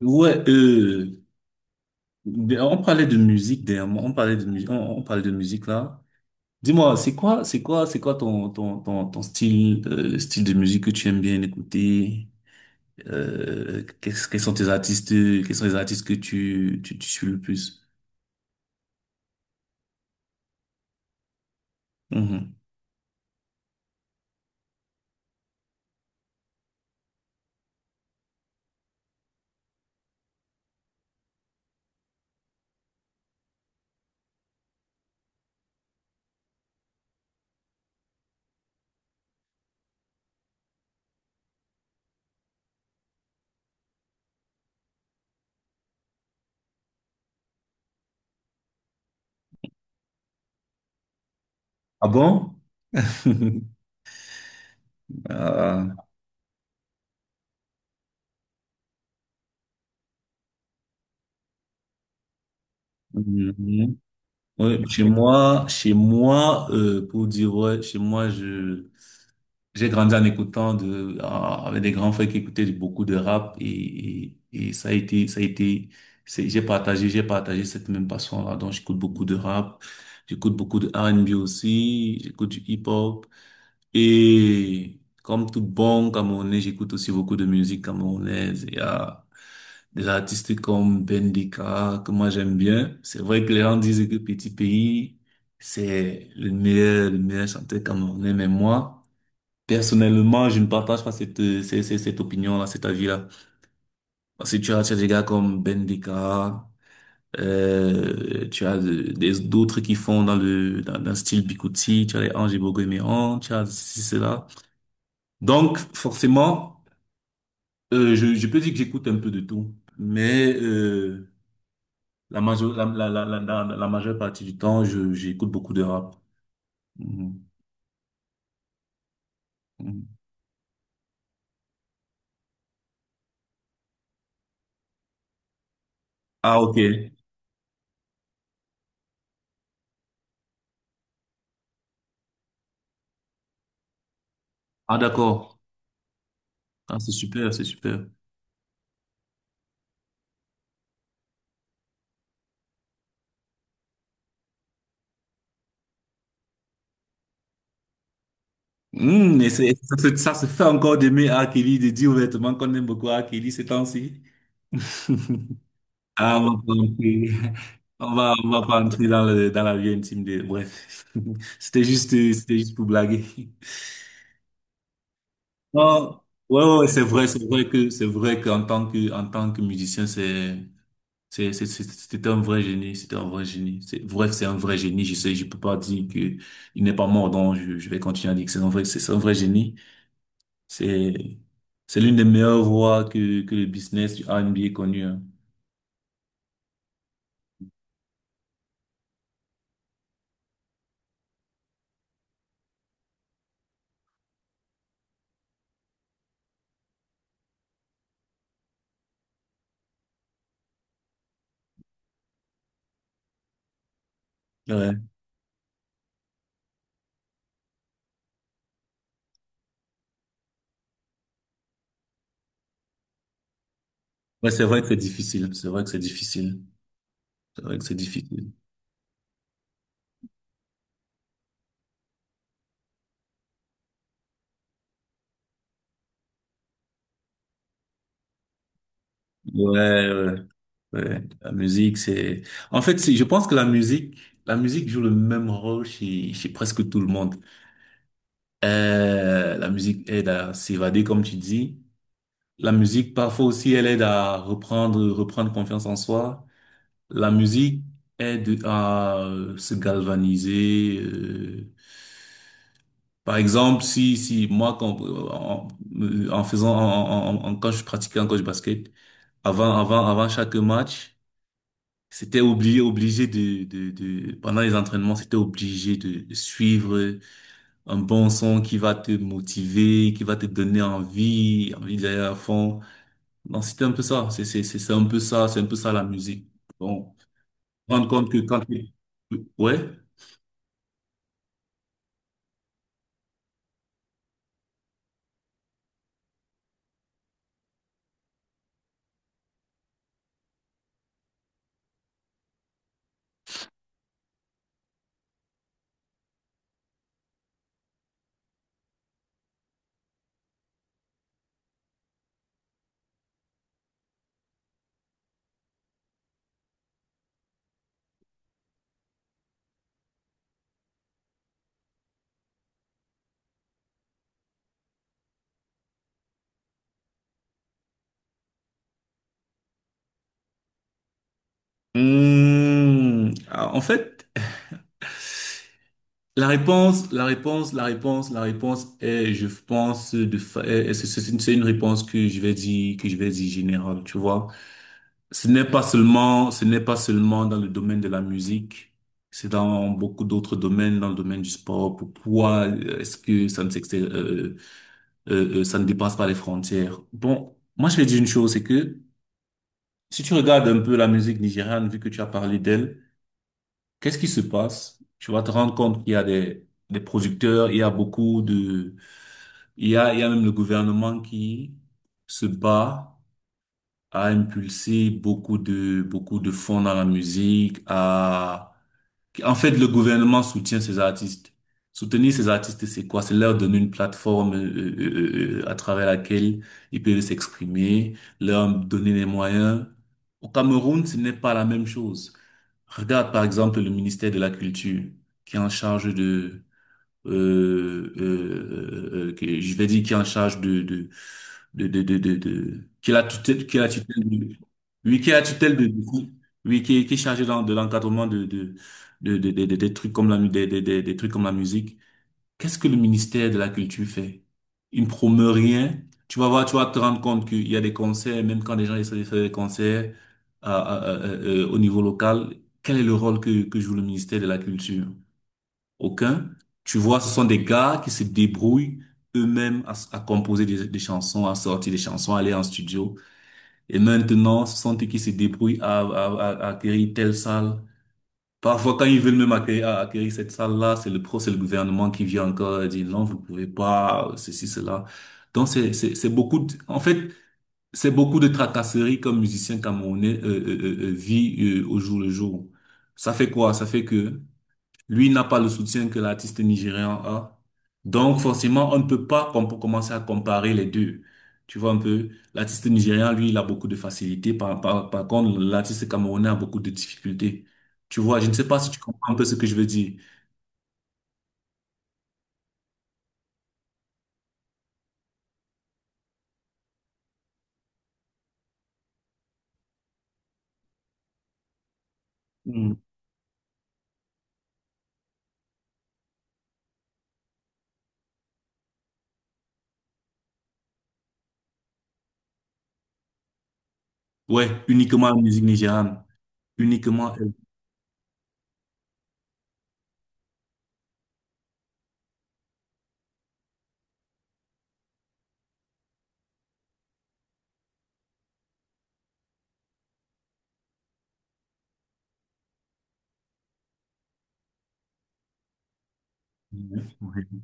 Ouais, on parlait de musique dernièrement, on parlait de musique, on parlait de musique là. Dis-moi, c'est quoi ton style, le style de musique que tu aimes bien écouter? Quels sont tes artistes, quels sont les artistes que tu suis le plus? Mhm. Ah bon? Ah, mhm. Ouais, chez moi, pour dire ouais, chez moi je. J'ai grandi en écoutant de, en- avec des grands frères qui beaucoup de rap et ça a été, c'est- j'ai partagé cette même passion-là. Donc, j'écoute beaucoup de rap, j'écoute beaucoup de R&B aussi, j'écoute du hip-hop et comme tout bon Camerounais, j'écoute aussi beaucoup de musique camerounaise. Il y a des artistes comme Bendika que moi j'aime bien. C'est vrai que les gens disent que Petit Pays, c'est le meilleur chanteur camerounais, mais moi, personnellement, je ne partage pas cette opinion-là, cet avis-là. Parce que tu as des gars comme Bendeka, euh, tu as d'autres qui font dans dans le style Bikuti, tu as les Ange Ibogoméen, tu as ceci, cela. Donc, forcément, euh, je peux dire que j'écoute un peu de tout. Mais la, majeure, la- la majeure partie du temps, j'écoute beaucoup de rap. Mhm. Mhm. Ah, ok. Ah, d'accord. Ah, c'est super, c'est super. Hmm, et ça se fait encore d'aimer Akili. Kelly, de dire ouvertement qu'on aime beaucoup Akili ces temps-ci. Ah, on va pas entrer, on va, on va pas entrer dans dans la vie intime de, bref. C'était juste pour blaguer. Non, ouais, c'est vrai, c'est vrai en tant que musicien, c'était un vrai génie, c'était un vrai génie. C'est vrai que c'est un vrai génie, je sais, je peux pas dire que il n'est pas mort, donc je vais continuer à dire que c'est un vrai génie. C'est, c'est l'une des meilleures voies que le business du R&B ait connu, hein. Ouais. Ouais, c'est vrai que c'est difficile. C'est vrai que c'est difficile. C'est vrai que c'est difficile. Ouais, ouais, ouais. La musique, c'est, en fait, c'est, je pense que la musique joue le même rôle chez presque tout le monde. La musique aide à s'évader, comme tu dis. La musique, parfois aussi, elle aide à reprendre confiance en soi. La musique aide à se galvaniser. Par exemple, si, si, moi, quand, en, en faisant, en, en- en- quand je pratiquais un coach basket, avant chaque match, obligé, pendant les entraînements, c'était obligé de suivre un bon son qui va te motiver, qui va te donner envie d'aller à fond. Donc, c'était un peu ça. C'est un peu ça, c'est un peu ça la musique. Bon, rendre compte que quand, tu- ouais. Mmh. Ah, en fait, La réponse est, je pense, de fa- est- est- c'est une réponse que je vais dire générale, tu vois. Ce n'est pas seulement dans le domaine de la musique, c'est dans beaucoup d'autres domaines, dans le domaine du sport. Pourquoi est-ce que ça ne dépasse pas les frontières? Bon, moi je vais dire une chose, c'est que si tu regardes un peu la musique nigériane, vu que tu as parlé d'elle. Qu'est-ce qui se passe? Tu vas te rendre compte qu'il y a des producteurs, il y a beaucoup de, il y a même le gouvernement qui se bat à impulser beaucoup de fonds dans la musique, à en fait, le gouvernement soutient ces artistes. Soutenir ces artistes, c'est quoi? C'est leur donner une plateforme à travers laquelle ils peuvent s'exprimer, leur donner les moyens. Au Cameroun, ce n'est pas la même chose. Regarde par exemple le ministère de la Culture qui est en charge de que je vais dire qui est en charge qui est la tutelle de, oui qui est la tutelle de de- oui qui est chargé dans de l'encadrement des trucs comme la mu- des trucs comme la musique. Qu'est-ce que le ministère de la culture fait? Il ne promeut rien. Tu vas voir, tu vas te rendre compte qu'il y a des concerts. Même quand les gens essaient de faire des concerts au niveau local, quel est le rôle que joue le ministère de la culture? Aucun. Tu vois, ce sont des gars qui se débrouillent eux-mêmes à composer des chansons, à sortir des chansons, à aller en studio. Et maintenant, ce sont eux qui se débrouillent à acquérir telle salle. Parfois, quand ils veulent même à acquérir cette salle-là, c'est c'est le gouvernement qui vient encore et dit non, vous pouvez pas, ceci, cela. Donc, c'est beaucoup de- en fait, c'est beaucoup de tracasseries comme musicien camerounais vit au jour le jour. Ça fait quoi? Ça fait que lui n'a pas le soutien que l'artiste nigérian a. Donc forcément, on ne peut pas commencer à comparer les deux. Tu vois un peu, l'artiste nigérian, lui, il a beaucoup de facilité. Par contre, l'artiste camerounais a beaucoup de difficultés. Tu vois, je ne sais pas si tu comprends un peu ce que je veux dire. Mm. Ouais, uniquement la musique nigériane. Uniquement elle. Ouais.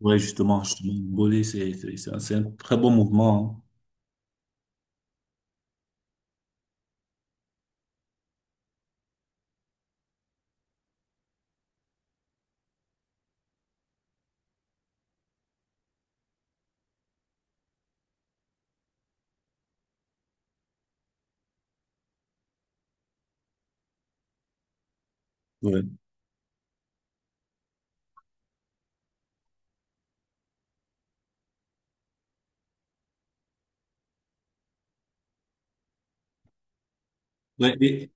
Justement, Bolé, c'est un très bon mouvement, hein. Ouais. Ouais,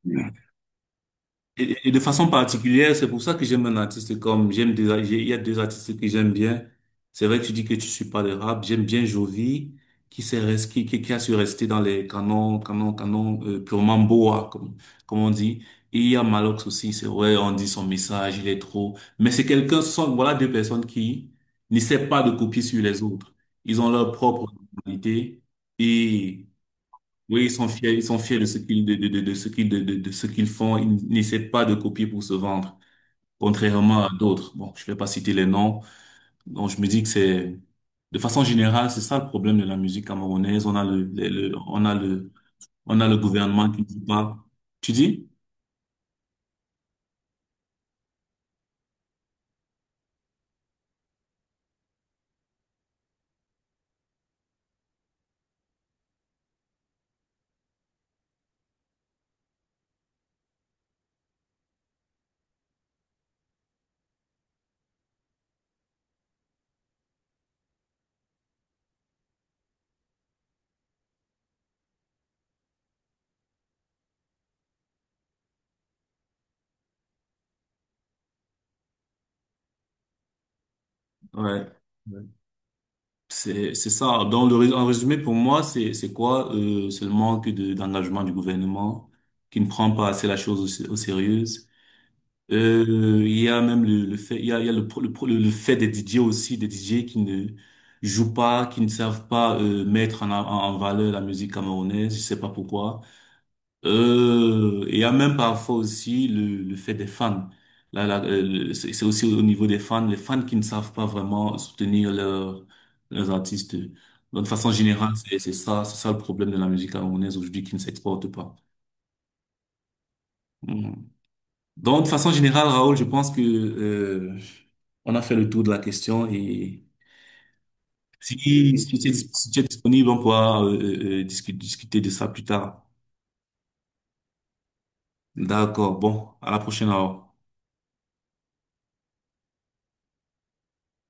Et de façon particulière, c'est pour ça que j'aime un artiste comme, il y a deux artistes que j'aime bien. C'est vrai que tu dis que tu suis pas le rap. J'aime bien Jovi, qui s'est res- qui a su rester dans les canons, purement boa, comme on dit. Et il y a Malox aussi, c'est vrai, on dit son message, il est trop. Mais c'est quelqu'un, ce sont, voilà deux personnes qui n'essaient pas de copier sur les autres. Ils ont leur propre personnalité. Oui, ils sont fiers de ce qu'ils de ce qu'ils font. Ils n'essaient pas de copier pour se vendre, contrairement à d'autres. Bon, je vais pas citer les noms. Donc, je me dis que c'est, de façon générale, c'est ça le problème de la musique camerounaise. On a le, on a le gouvernement qui ne dit pas. Tu dis? Ouais. Ouais. C'est ça. Donc, en résumé, pour moi, c'est quoi? C'est le manque de, d'engagement du gouvernement qui ne prend pas assez la chose au sérieux. Il y a même le fait, il y a le, pro- le, pro- le fait des DJ aussi, des DJ qui ne jouent pas, qui ne savent pas mettre en valeur la musique camerounaise, je sais pas pourquoi. Et il y a même parfois aussi le fait des fans. C'est aussi au niveau des fans, les fans qui ne savent pas vraiment soutenir leurs artistes. Donc, de façon générale, c'est ça le problème de la musique camerounaise aujourd'hui qui ne s'exporte pas. Mm. Donc, de façon générale, Raoul, je pense que on a fait le tour de la question et si tu es disponible, on pourra discuter de ça plus tard. D'accord. Bon, à la prochaine, Raoul.